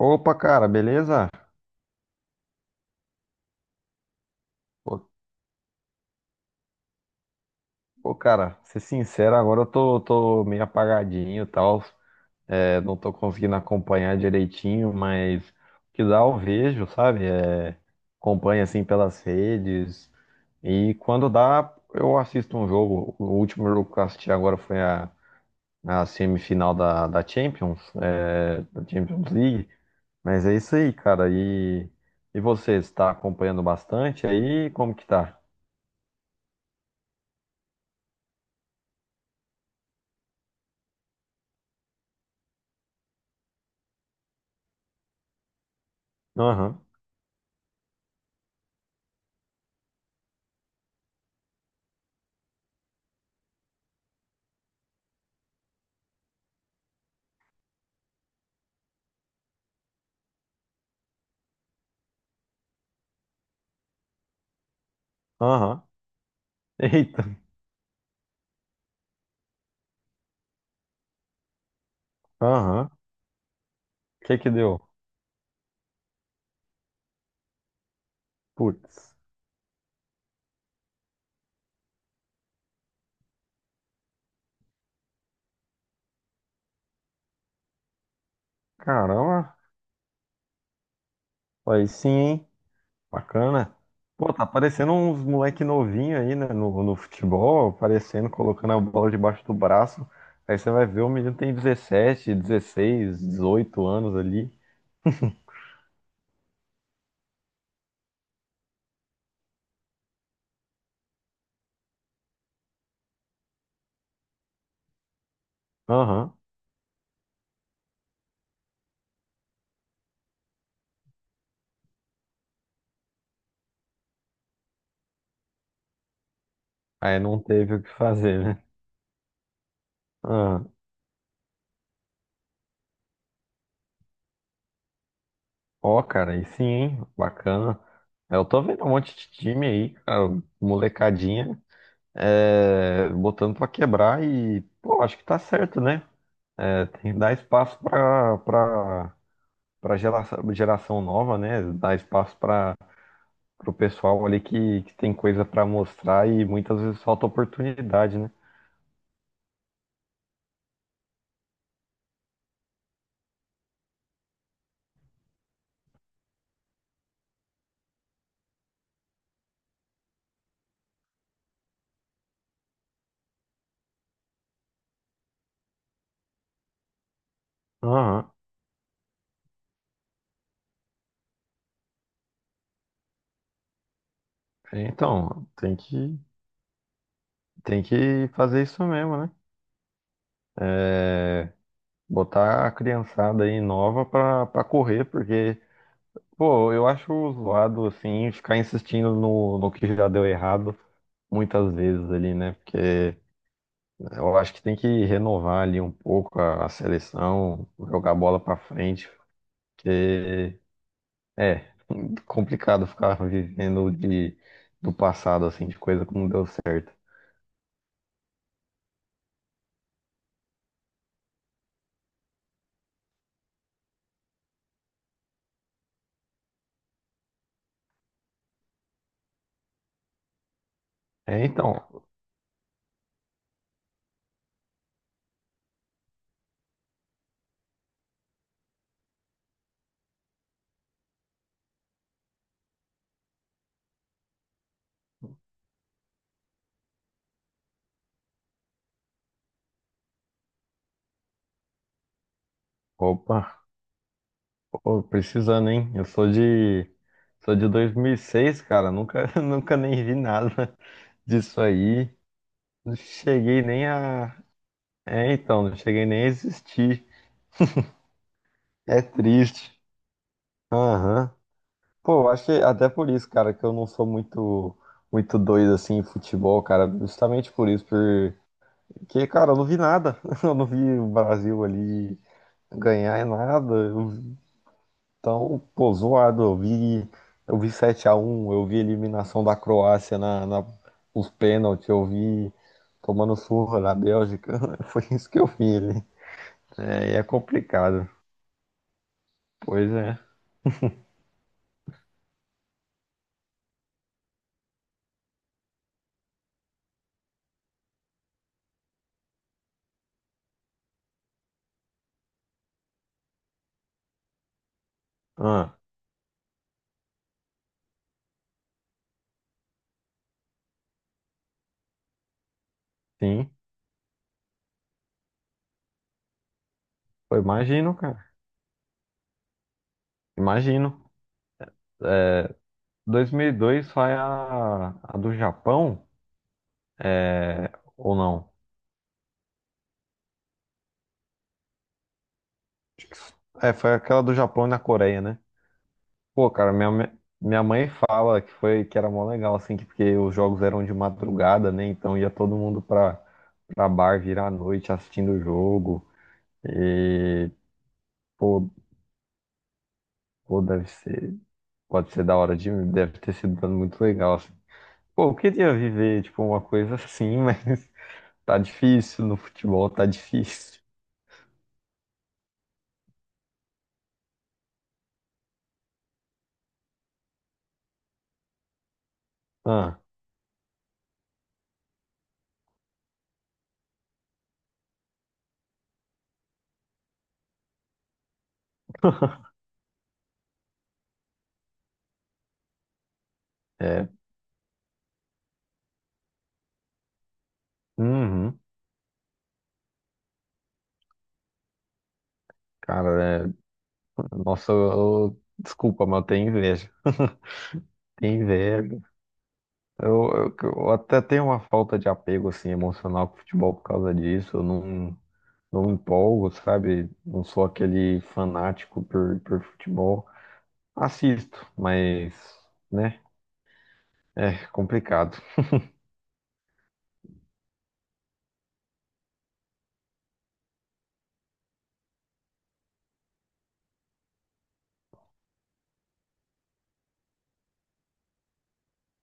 Opa, cara, beleza? Pô, pô, cara, ser sincero, agora eu tô meio apagadinho e tal. É, não tô conseguindo acompanhar direitinho, mas o que dá eu vejo, sabe? Acompanho assim pelas redes. E quando dá, eu assisto um jogo. O último jogo que eu assisti agora foi a semifinal da Champions, é, da Champions League. Mas é isso aí, cara. E você, está acompanhando bastante aí? Como que tá? Aham, aham. Eita, aham. O que que deu? Putz, caramba, aí sim, hein? Bacana. Pô, tá aparecendo uns moleque novinho aí, né, no futebol, aparecendo, colocando a bola debaixo do braço. Aí você vai ver, o menino tem 17, 16, 18 anos ali. Aham. Aí não teve o que fazer, né? Ah, ó, cara, aí sim, hein? Bacana. É, eu tô vendo um monte de time aí, cara, molecadinha, é, botando pra quebrar e, pô, acho que tá certo, né? É, tem que dar espaço para geração, geração nova, né? Dar espaço para o pessoal ali que tem coisa para mostrar e muitas vezes falta oportunidade, né? Aham. Então, tem que fazer isso mesmo, né? É, botar a criançada aí nova para correr, porque pô, eu acho zoado assim ficar insistindo no que já deu errado muitas vezes ali, né? Porque eu acho que tem que renovar ali um pouco a seleção, jogar bola pra frente, porque é complicado ficar vivendo do passado, assim, de coisa que não deu certo. É, então, opa, ô, precisando, hein? Sou de 2006, cara, nunca, nunca nem vi nada disso aí. Não cheguei nem a... É, então, não cheguei nem a existir. É triste. Aham. Pô, eu acho que até por isso, cara, que eu não sou muito doido assim em futebol, cara. Justamente por isso, porque, cara, eu não vi nada. Eu não vi o Brasil ali ganhar em nada. Eu- então, pô, zoado. Eu vi sete a um, eu vi a eliminação da Croácia na, na, os pênaltis, eu vi tomando surra na Bélgica. Foi isso que eu vi ali. É, e é complicado. Pois é. Ah, sim. Eu imagino, cara. Imagino. 2002 foi a do Japão, é, ou não? É, foi aquela do Japão e na Coreia, né? Pô, cara, minha mãe fala que foi que era mó legal, assim, que porque os jogos eram de madrugada, né? Então ia todo mundo pra, pra bar virar à noite assistindo o jogo. E, pô, pô, deve ser, pode ser da hora de, deve ter sido muito legal, assim. Pô, eu queria viver, tipo, uma coisa assim, mas tá difícil no futebol, tá difícil. Ah, é. Uhum. Cara, é- nossa, desculpa, mas eu tenho inveja. Tenho inveja. Eu até tenho uma falta de apego assim, emocional com o futebol por causa disso. Eu não, não me empolgo, sabe? Não sou aquele fanático por futebol. Assisto, mas, né? É complicado.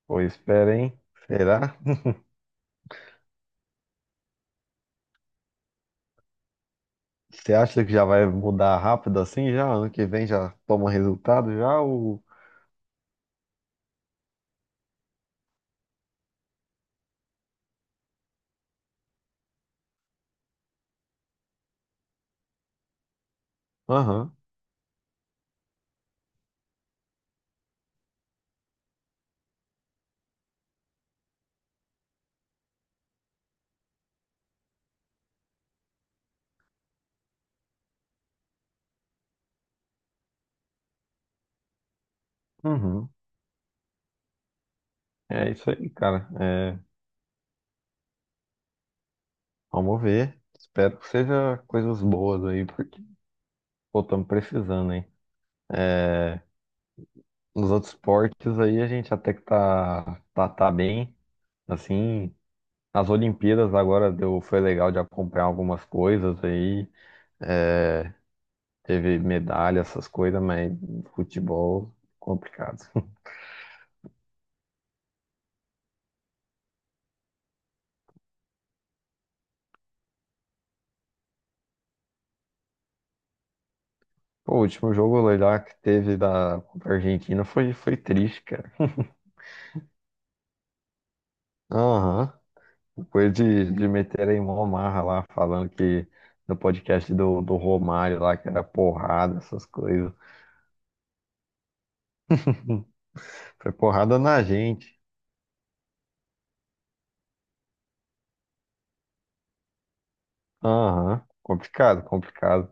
Pô, espera, hein? Será? Você acha que já vai mudar rápido assim? Já ano que vem já toma resultado? Já o. Aham, uhum. É isso aí, cara. É, vamos ver. Espero que seja coisas boas aí, porque pô, estamos precisando, hein? Nos outros esportes aí a gente até que tá bem. Assim, as Olimpíadas agora deu, foi legal de acompanhar algumas coisas aí. É, teve medalha, essas coisas, mas futebol complicado. Pô, o último jogo lá que teve da contra a Argentina foi triste, cara. Aham. Depois de meter em mó marra lá, falando que no podcast do Romário lá, que era porrada, essas coisas. Foi porrada na gente. Aham, complicado, complicado.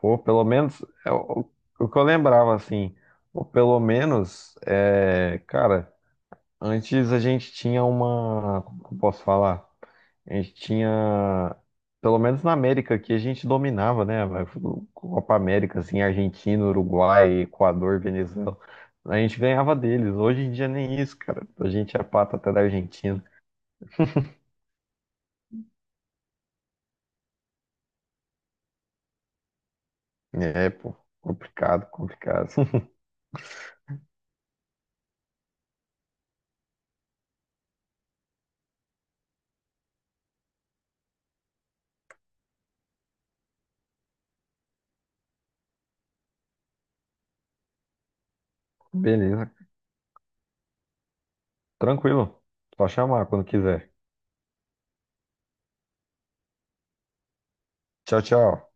Pô, pelo menos, é o que eu lembrava, assim, ou pelo menos, é, cara, antes a gente tinha uma, como que eu posso falar? A gente tinha, pelo menos na América aqui, a gente dominava, né? A Copa América, assim, Argentina, Uruguai, Equador, Venezuela. A gente ganhava deles. Hoje em dia nem isso, cara. A gente é pata até da Argentina. É, pô, complicado, complicado. Beleza. Tranquilo. Só chamar quando quiser. Tchau, tchau.